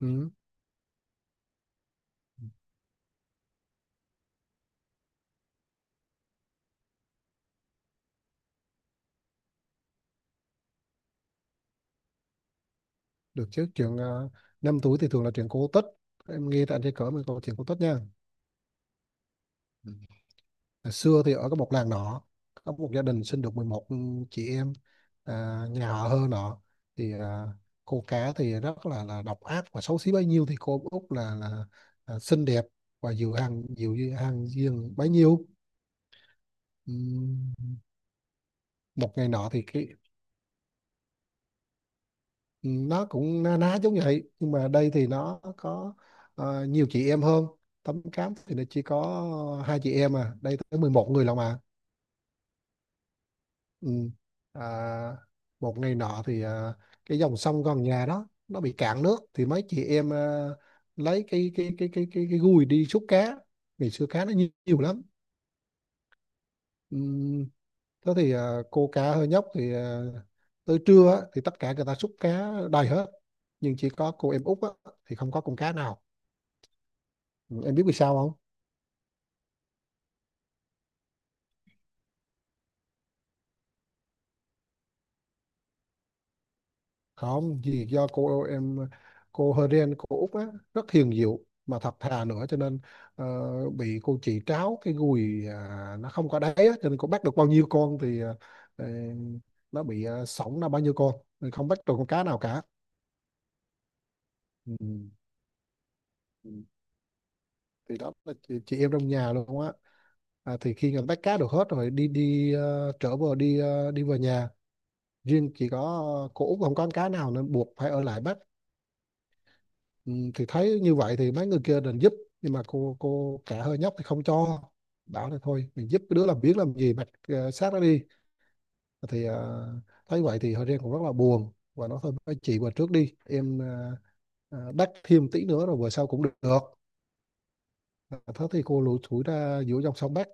Ừ, được chứ chuyện năm túi thì thường là chuyện cổ tích. Em nghe tại trên cỡ mình có chuyện cổ tích nha. Ừ. Hồi xưa thì ở một làng nọ có một gia đình sinh được 11 chị em, nhà họ Hơ nọ thì cô cá thì rất là độc ác và xấu xí bấy nhiêu, thì cô Út là xinh đẹp và dịu dàng duyên bấy nhiêu. Ừm, Một ngày nọ thì nó cũng na ná giống vậy, nhưng mà đây thì nó có nhiều chị em hơn. Tấm Cám thì nó chỉ có hai chị em, à đây tới 11 người lận mà. Ừ. à, một ngày nọ thì cái dòng sông gần nhà đó nó bị cạn nước, thì mấy chị em lấy cái gùi đi xúc cá. Ngày xưa cá nó nhiều, nhiều lắm. Ừ. Thế thì cô cá hơi nhóc thì tới trưa á, thì tất cả người ta xúc cá đầy hết, nhưng chỉ có cô em út á, thì không có con cá nào. Em biết vì sao không? Không, vì do cô em, cô Heren cô Út á, rất hiền dịu mà thật thà nữa, cho nên ờ, bị cô chị tráo cái gùi, à nó không có đáy á, cho nên cô bắt được bao nhiêu con thì ờ, nó bị sõng ra bao nhiêu con, nên không bắt được con cá nào cả. Ừ. ừ. Thì đó là chị em trong nhà luôn á. À, thì khi người ta bắt cá được hết rồi đi đi ờ, trở về đi về nhà, riêng chỉ có cô Út không có con cá nào nên buộc phải ở lại bắt. Ừ, thì thấy như vậy thì mấy người kia định giúp, nhưng mà cô cả hơi nhóc thì không cho, bảo là thôi mình giúp cái đứa làm biếng làm gì, mặc xác nó đi. Thì thấy vậy thì hơi riêng cũng rất là buồn, và nói thôi mấy chị vào trước đi, em đắc thêm tí nữa rồi bữa sau cũng được. Ờ, thế thì cô lủi thủi ra giữa dòng sông Bắc.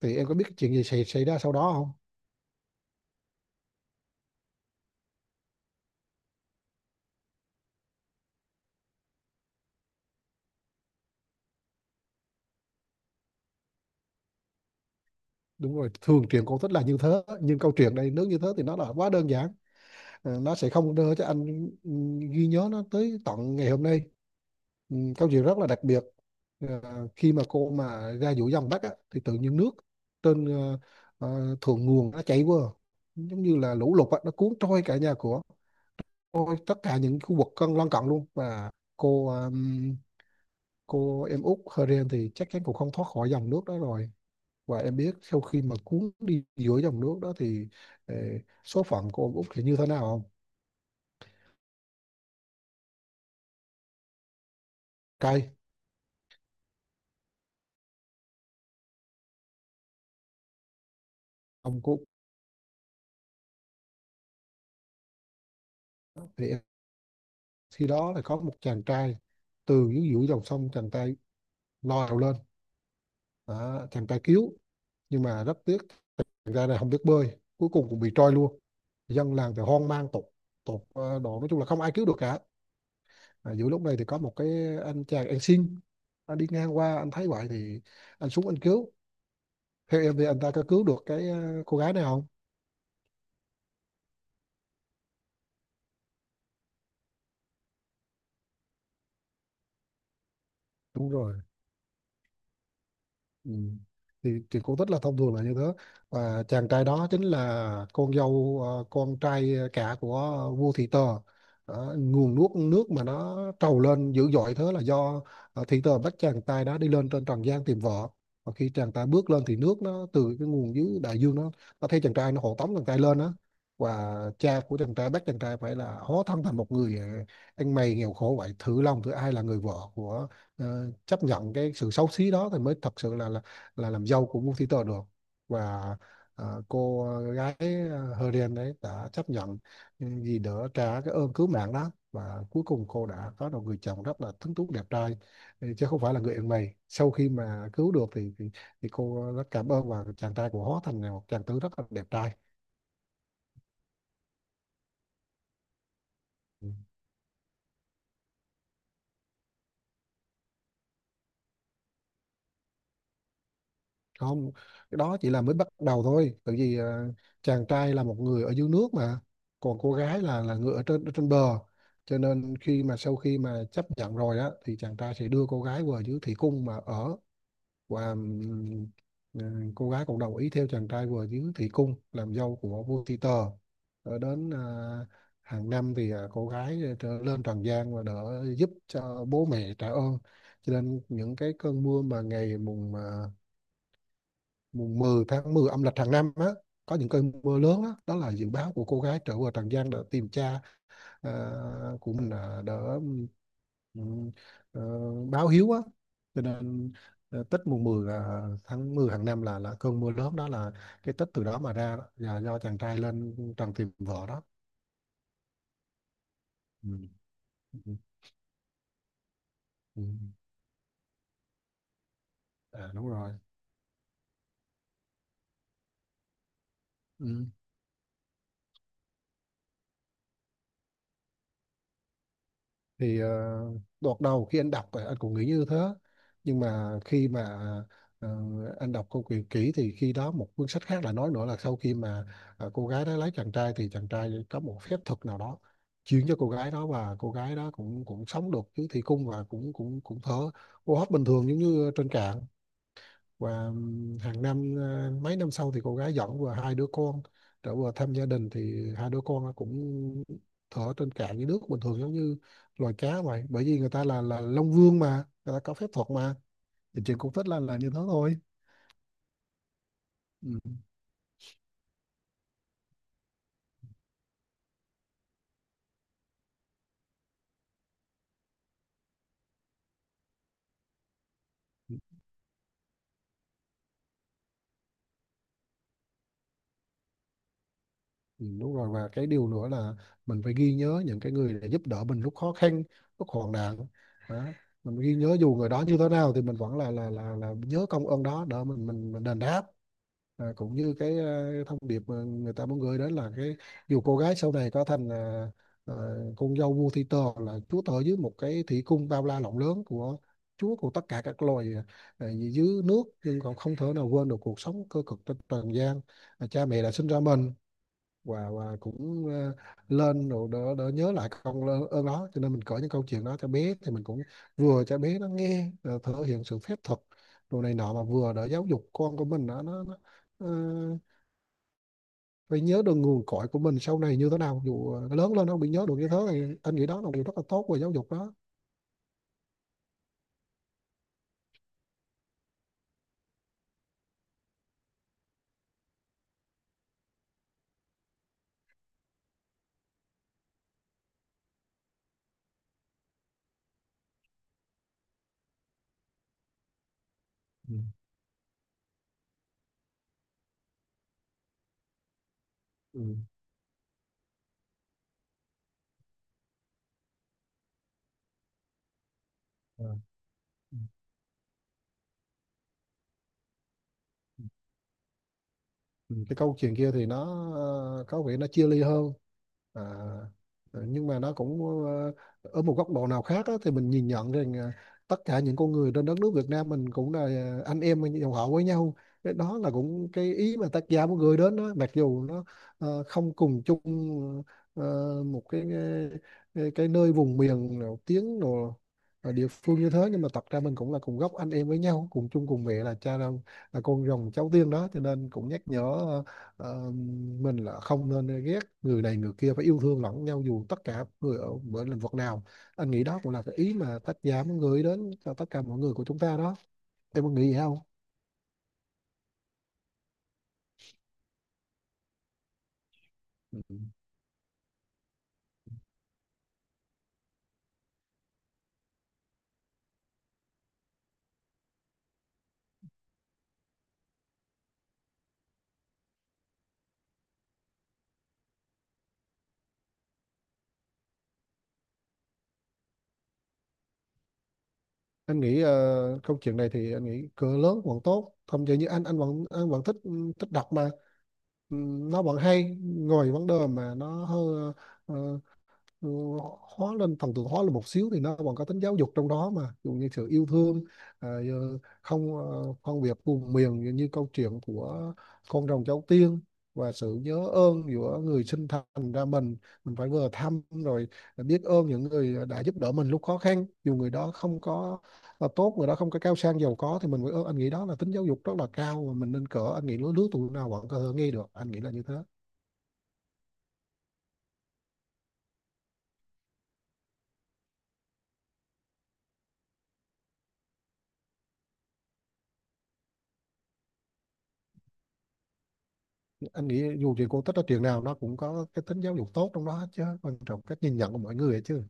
Thì em có biết cái chuyện gì xảy ra sau đó không? Đúng rồi, thường truyện cổ tích là như thế, nhưng câu chuyện đây nếu như thế thì nó là quá đơn giản. Ờ, nó sẽ không đưa cho anh ừ, ghi nhớ nó tới tận ngày hôm nay. Ừ, câu chuyện rất là đặc biệt. Ờ, khi mà cô mà ra giữa dòng Bắc á, thì tự nhiên nước trên thượng nguồn nó chảy qua, giống như là lũ lụt á, nó cuốn trôi cả nhà của, trôi tất cả những khu vực lân cận luôn, và cô ừm, cô em út Heren thì chắc chắn cũng không thoát khỏi dòng nước đó rồi. Và em biết sau khi mà cuốn đi giữa dòng nước đó thì ờ, số phận của ông út thì như thế nào không? Cay ông có, thì em, khi đó là có một chàng trai từ dưới giữa dòng sông, chàng trai leo lên. Đó, chàng trai cứu, nhưng mà rất tiếc chàng trai này không biết bơi, cuối cùng cũng bị trôi luôn. Dân làng thì hoang mang tột tột ờ, độ, nói chung là không ai cứu được cả. À, giữa lúc này thì có một cái anh chàng, anh xin, anh đi ngang qua, anh thấy vậy thì anh xuống anh cứu. Theo em thì anh ta có cứu được cái cô gái này không? Đúng rồi. Ừ. Thì cổ tích là thông thường là như thế. Và chàng trai đó chính là con dâu con trai cả của vua Thị Tờ. Đó, nguồn nước nước mà nó trào lên dữ dội thế là do Thị Tờ bắt chàng trai đó đi lên trên trần gian tìm vợ. Và khi chàng trai bước lên thì nước nó từ cái nguồn dưới đại dương, nó thấy chàng trai, nó hộ tống chàng trai lên đó. Và cha của chàng trai bắt chàng trai phải là hóa thân thành một người ăn mày nghèo khổ, vậy thử lòng thử ai là người vợ của chấp nhận cái sự xấu xí đó, thì mới thật sự là làm dâu của vua Thị Tờ được. Và cô gái Heren đấy đã chấp nhận vì đỡ trả cái ơn cứu mạng đó, và cuối cùng cô đã có được người chồng rất là tuấn tú đẹp trai. Ừ, chứ không phải là người ăn mày. Sau khi mà cứu được thì cô rất cảm ơn, và chàng trai của hóa thành là một chàng tử rất là đẹp trai. Ừ. Không, cái đó chỉ là mới bắt đầu thôi, tại vì chàng trai là một người ở dưới nước mà, còn cô gái là người ở ở trên bờ, cho nên khi mà sau khi mà chấp nhận rồi á, thì chàng trai sẽ đưa cô gái vào dưới thủy cung mà ở. Và cô gái cũng đồng ý theo chàng trai vào dưới thủy cung làm dâu của vua Ti tờ. Ở đến hàng năm thì cô gái trở lên trần gian và đỡ giúp cho bố mẹ trả ơn. Cho nên những cái cơn mưa mà ngày mùng 10 tháng 10 âm lịch hàng năm á, có những cơn mưa lớn đó, đó là dự báo của cô gái trở về Trần gian để tìm cha à, của mình, à đỡ ừm, ờ, báo hiếu á. Cho nên Tết mùng 10 là tháng 10 hàng năm là cơn mưa lớn đó, là cái Tết từ đó mà ra đó, là do chàng trai lên trần tìm vợ đó. Ừ. Ừ. ừ. ừ. À, đúng rồi. Ừ. Thì đợt đầu khi anh đọc anh cũng nghĩ như thế, nhưng mà khi mà ờ, anh đọc câu chuyện kỹ thì khi đó một cuốn sách khác là nói nữa là sau khi mà cô gái đó lấy chàng trai thì chàng trai có một phép thuật nào đó chuyển cho cô gái đó, và cô gái đó cũng cũng sống được cái thủy cung, và cũng cũng cũng thở hô hấp bình thường giống như trên cạn. Và hàng năm, mấy năm sau thì cô gái dẫn vừa hai đứa con trở vừa thăm gia đình, thì hai đứa con nó cũng thở trên cạn dưới nước bình thường giống như loài cá vậy, bởi vì người ta là Long Vương mà, người ta có phép thuật mà. Thì chuyện cũng thích là như thế thôi. Ừ. Ừ, đúng rồi, và cái điều nữa là mình phải ghi nhớ những cái người đã giúp đỡ mình lúc khó khăn, lúc hoạn nạn đó. Mình ghi nhớ dù người đó như thế nào thì mình vẫn là nhớ công ơn đó, để mình đền đáp. Cũng như cái, à thông điệp mà người ta muốn gửi đến là cái dù cô gái sau này có thành à, con dâu vua Thi Tơ, là chúa tể dưới một cái thủy cung bao la rộng lớn của chúa của tất cả các loài à, dưới nước, nhưng còn không thể nào quên được cuộc sống cơ cực trên trần gian, à cha mẹ đã sinh ra mình. Và cũng lên rồi đỡ đỡ nhớ lại công ơn ơn đó, cho nên mình kể những câu chuyện đó cho bé thì mình cũng vừa cho bé nó nghe, thể hiện sự phép thuật đồ này nọ, mà vừa đỡ giáo dục con của mình, nó ờ, phải nhớ được nguồn cội của mình sau này như thế nào, dù nó lớn lên nó không bị nhớ được như thế này. Anh nghĩ đó là một điều rất là tốt của giáo dục đó. Ừ. ừ. Ờ. Ừ. Ừ. Cái câu chuyện kia thì nó có vẻ nó chia ly hơn. À, nhưng mà nó cũng ờ, ở một góc độ nào khác á, thì mình nhìn nhận rằng tất cả những con người trên đất nước Việt Nam mình cũng là anh em dòng họ với nhau. Cái đó là cũng cái ý mà tác giả muốn gửi đến đó, mặc dù nó không cùng chung ờ, một cái, cái nơi vùng miền nào, tiếng nào ở địa phương như thế, nhưng mà thật ra mình cũng là cùng gốc anh em với nhau, cùng chung cùng mẹ là cha là con rồng cháu tiên đó. Cho nên cũng nhắc nhở Ờ, mình là không nên ghét người này người kia, phải yêu thương lẫn nhau dù tất cả người ở mỗi lĩnh vực nào. Anh nghĩ đó cũng là cái ý mà tác giả muốn gửi đến cho tất cả mọi người của chúng ta đó. Em có nghĩ vậy không? Ừ. Anh nghĩ câu chuyện này thì anh nghĩ cỡ lớn vẫn tốt, không chỉ như anh, anh vẫn thích, thích đọc mà. Ừ, nó vẫn hay, ngồi vấn đề mà nó hơi ờ, ừ, hóa lên thần tượng hóa lên một xíu thì nó còn có tính giáo dục trong đó mà. Ví dụ như sự yêu thương, à, ờ, không ờ, phân biệt vùng miền như như câu chuyện của con rồng cháu tiên, và sự nhớ ơn giữa người sinh thành ra mình phải vừa thăm rồi biết ơn những người đã giúp đỡ mình lúc khó khăn, dù người đó không có là tốt, người đó không có cao sang giàu có, thì mình phải ơn. Anh nghĩ đó là tính giáo dục rất là cao, và mình nên cỡ anh nghĩ lứa lứa tuổi nào vẫn có thể nghe được, anh nghĩ là như thế. Anh nghĩ dù gì cô tích ở trường nào nó cũng có cái tính giáo dục tốt trong đó hết, chứ quan trọng cách nhìn nhận của mọi người ấy chứ.